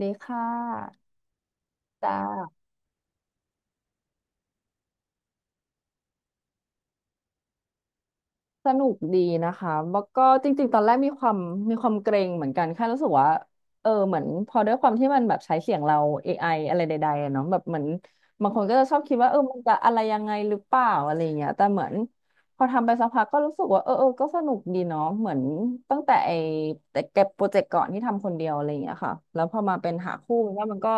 ดีค่ะจ้าสนุกดีนะคะแล้วก็จริงๆตอนแรกมีความเกรงเหมือนกันแค่รู้สึกว่าเออเหมือนพอด้วยความที่มันแบบใช้เสียงเรา AI อไออะไรใดๆอะเนาะแบบเหมือนบางคนก็จะชอบคิดว่าเออมันจะอะไรยังไงหรือเปล่าอะไรอย่างเงี้ยแต่เหมือน พอทำไปสักพักก็รู้สึกว่าเออก็สนุกดีเนาะเหมือนตั้งแต่ไอ้แต่เก็บโปรเจกต์ก่อนที่ทำคนเดียวอะไรอย่างเงี้ยค่ะแล้วพอมาเป็นหาคู่มันว่ามันก็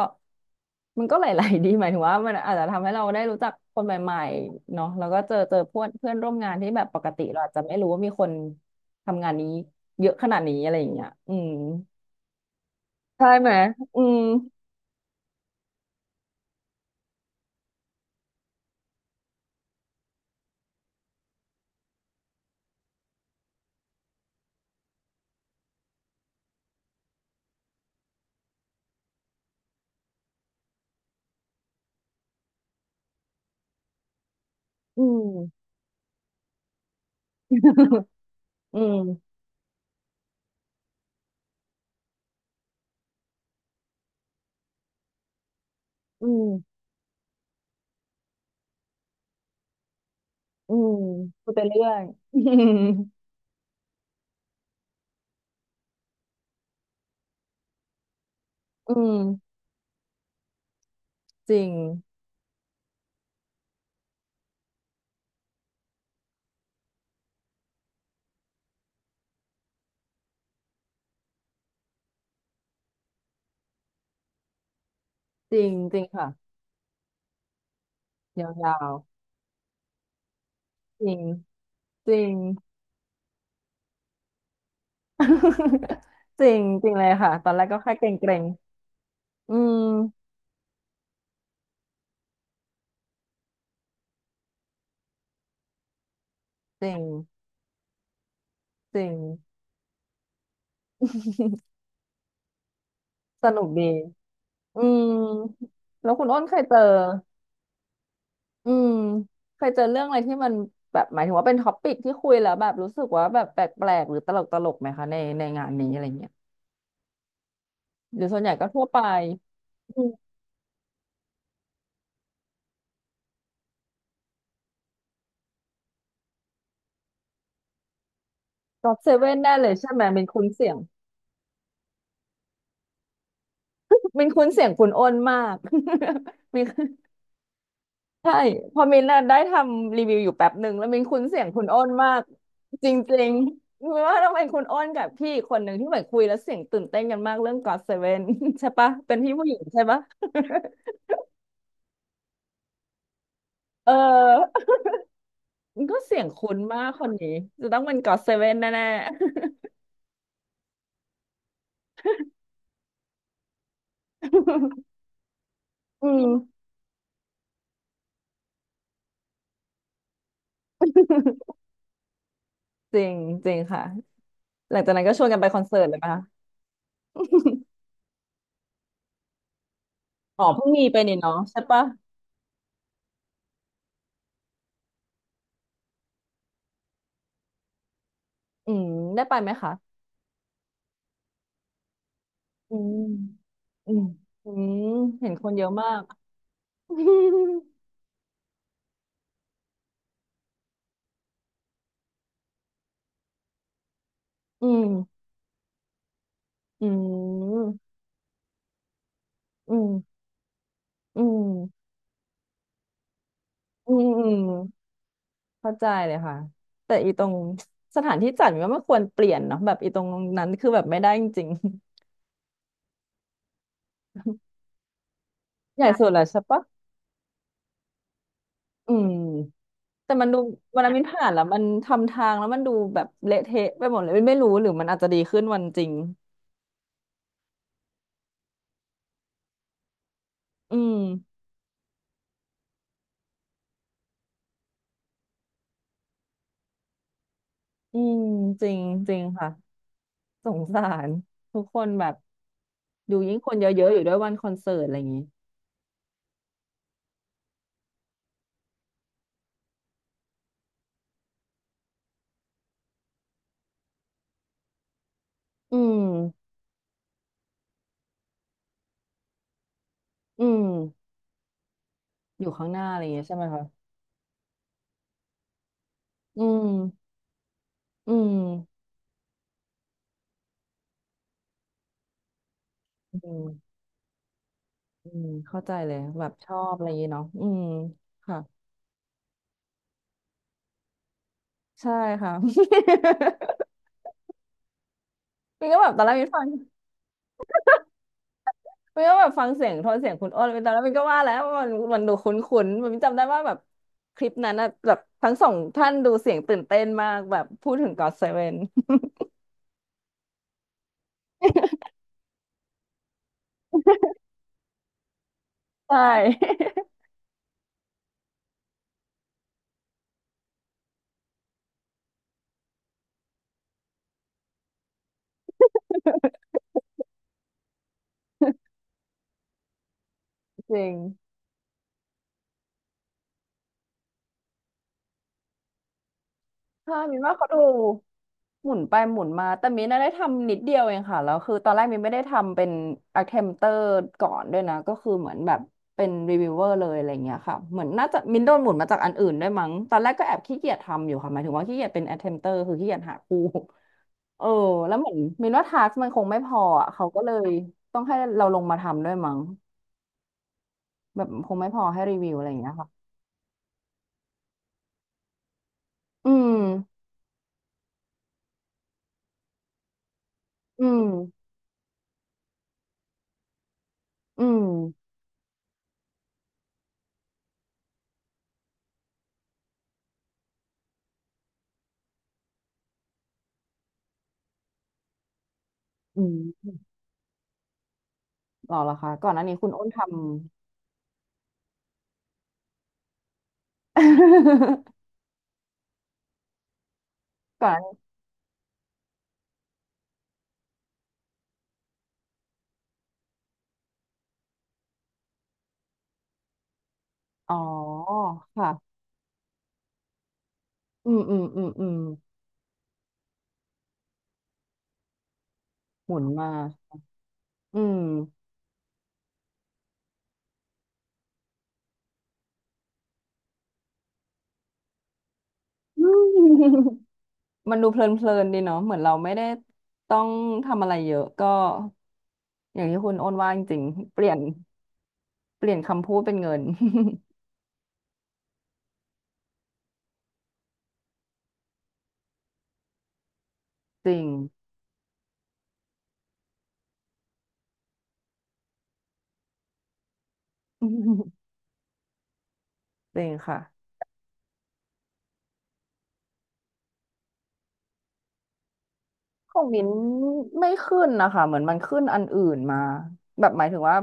มันก็หลายๆดี หมายถึงว่ามันอาจจะทำให้เราได้รู้จักคนใหม่ๆเนาะแล้วก็เจอเพื่อนเพื่อนร่วมงานที่แบบปกติเราอาจจะไม่รู้ว่ามีคนทำงานนี้เยอะขนาดนี้อะไรอย่างเงี้ยอืมใช่ไหมอืมอืม อืมอืมอืมพูดไปเรื่อย อืมอืมจริงจริงจริงค่ะ ยาวๆจริงจริง จริงจริงเลยค่ะตอนแรกก็แค่เกรงๆอืมจริงจริงสนุกดีอืมแล้วคุณอ้นเคยเจออืมเคยเจอเรื่องอะไรที่มันแบบหมายถึงว่าเป็นท็อปปิกที่คุยแล้วแบบรู้สึกว่าแบบแปลกๆหรือตลกตลกไหมคะในงานนี้อะไรเงี้ยหรือส่วนใหญ่ก็ทั่วไปอืมก็อตเซเว่นได้เลยใช่ไหมเป็นคุ้นเสียง เป็นคุ้นเสียงคุณอ้นมาก มี ใช่พอมินน่ะได้ทำรีวิวอยู่แป๊บหนึ่งแล้วมินคุ้นเสียงคุณอ้นมากจริงๆมินว่าต้องเป็นคุณอ้นกับพี่อีกคนหนึ่งที่เหมือนคุยแล้วเสียงตื่นเต้นกันมากเรื่อง God Seven ใช่ปะเป็นพี่ผู้หญิงใช่ปะ เออมันก็เสียงคุ้นมากคนนี้จะต้องเป็น God Seven แน่ๆ อืมจริงจริงค่ะหลังจากนั้นก็ชวนกันไปคอนเสิร์ตเลยปะอ๋อเพิ่งมีไปนี่เนาะใช่ปะอืมได้ไปไหมคะอืมอืมอืมเห็นคนเยอะมาก อืมอืมอืมอืมอืมอืมเข้าใจเลยค่ะแต่อีตรงสถานที่จัดมันก็ไม่ควรเปลี่ยนเนาะแบบอีตรงนั้นคือแบบไม่ได้จริงๆ ใหญ่สุดแล้วใช่ปะอืมแต่มันดูวันนั้นมินผ่านแล้วมันทำทางแล้วมันดูแบบเละเทะไปหมดเลยมินไม่รู้หรือมันอาจจะดีขึ้นวันจริงอืมอืมจริงจริงค่ะสงสารทุกคนแบบดูยิ่งคนเยอะๆอยู่ด้วยวันคอนเสิร์ตอะไรอย่างนี้อืมอืม อยู่ข้างหน้าอะไรอย่างเงี้ยใช่ไหมคะอืมอืมอืมอืมเข้าใจเลยแบบชอบอะไรอย่างเงี้ยเนาะอืมค่ะใช่ค่ะ มันก็แบบตอนแรกมินฟังมันก็แบบฟังเสียงโทนเสียงคุณอ้นตอนแรกมินก็ว่าแล้วว่ามันมันดูคุ้นๆ มันจำได้ว่าแบบคลิปนั้นนะแบบทั้งสองท่านดูเสียงตื่นเต้นมากแบบพูดถึง God Seven ใช่ จริง ใช่มินว่าเขาดูหมุนไปหมุนมาแต่มินน่ะได้ทำนิดเดียวเองค่ะแล้วคือตอนแรกมินไม่ได้ทำเป็น attempter ก่อนด้วยนะก็คือเหมือนแบบเป็น reviewer เลยอะไรเงี้ยค่ะเหมือนน่าจะมินโดนหมุนมาจากอันอื่นด้วยมั้งตอนแรกก็แอบขี้เกียจทำอยู่ค่ะหมายถึงว่าขี้เกียจเป็น attempter คือขี้เกียจหาคู่เออแล้วเหมือนมินว่า task มันคงไม่พออ่ะเขาก็เลยต้องให้เราลงมาทำด้วยมั้งแบบคงไม่พอให้รีวิวอะไรอย่างเงี้ยค่ะอืมอืมอืมอืมหรอเหรอคะก่อนหน้านี้คุณอ้นทำ ก่อนอ๋อค่ะอืมอืมอืมอืมหมุนมาอืม อืมมันดูเพลินๆดีเนาะเหมือนเราไม่ได้ต้องทำอะไรเยอะก็อย่างที่คุณโอนว่าจริงๆเปลี่ยนคำพูดเป็นเงิน จริง จริงค่ะ ของมิ้นไม่ขึ้นนะคะ เหมือนมันขึ้นอันอื่นมา แบบหมายถึงว่า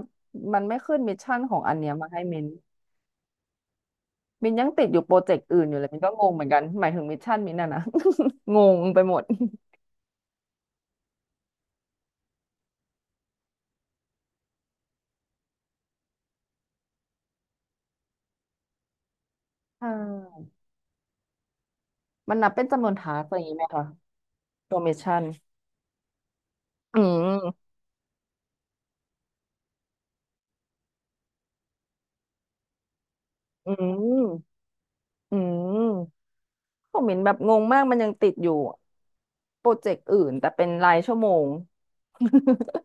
มันไม่ขึ้นมิชชั่นของอันเนี้ยมาให้มิ้น มินยังติดอยู่โปรเจกต์อื่นอยู่เลยมินก็งงเหมือนกันหมายถึงมิชชั่นมินน่ะนะ งงไปหมดใช่มันนับเป็นจำนวนทาสอะไรอย่างนี้ไหมคะตัวมิชชั่นอืมอืมอืมผมมินแบบงงมากมันยังติดอยู่โปรเจกต์อื่นแต่เป็นรายชั่วโมง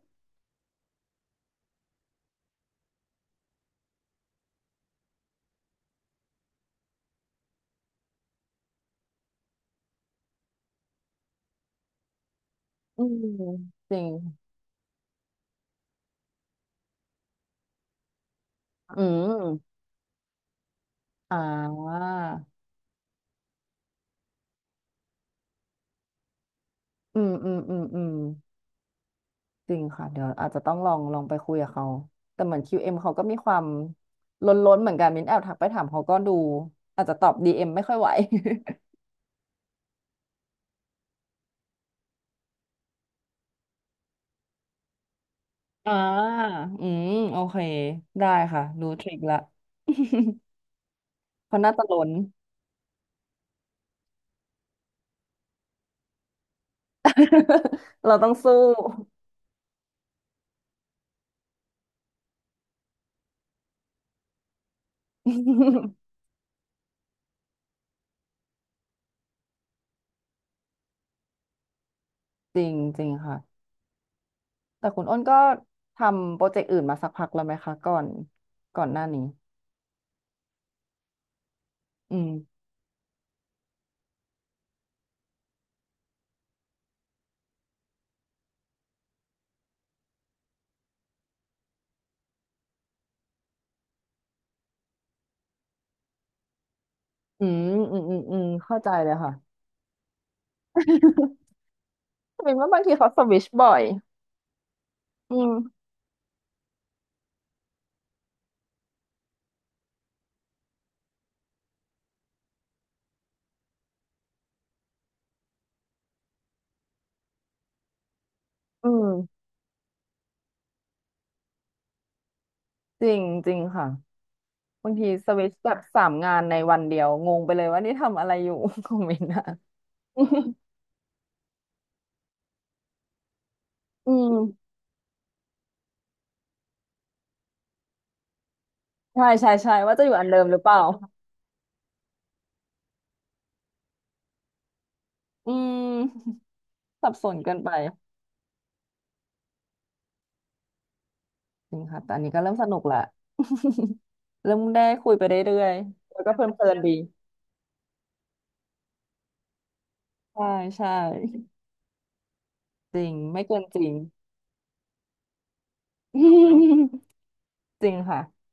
อืม จริงอืมอ่าอืมอืมอืมอืม จริงค่ะเดี๋ยวอาจจะต้องลองลองไปคุยกับเขาแต่เหมือน QM เอ็มเขาก็มีความล้นๆเหมือนกันมิ้นแอบทักไปถามเขาก็ดูอาจจะตอบ DM ไม่ค่อยไหว อ่า อืมโอเคได้ค่ะรู้ทริคละ เพราะน่าจะล้น เราต้องสู้ จริงจริงค่ะแต่คุณอ้นก็ทำโปรเจกต์อื่นมาสักพักแล้วไหมคะก่อนหน้านี้อืมอืมอืมอืมอืมเข้าใจเลยค่ะแต่เป็นว่าบางทีเขาสวิชบ่อยอืม อืมจริงจริงค่ะบางทีสวิตช์แบบสามงานในวันเดียวงงไปเลยว่านี่ทำอะไรอยู่ คองมินต์อะ อืมใช่ใช่ว่าจะอยู่อันเดิมหรือเปล่าอืม สับสนเกินไปจริงค่ะแต่อันนี้ก็เริ่มสนุกแหละ เริ่มได้คุยไปเรื่อยๆแล้วก็เพลินๆดีใช่ใช่จริงไม่เกินจริง จริงค่ะ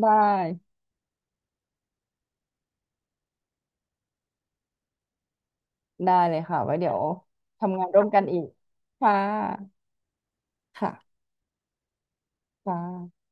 ได้ได้เลยค่ะไว้เดี๋ยวทำงานร่วมกันอีกค่ะค่ะค่ะ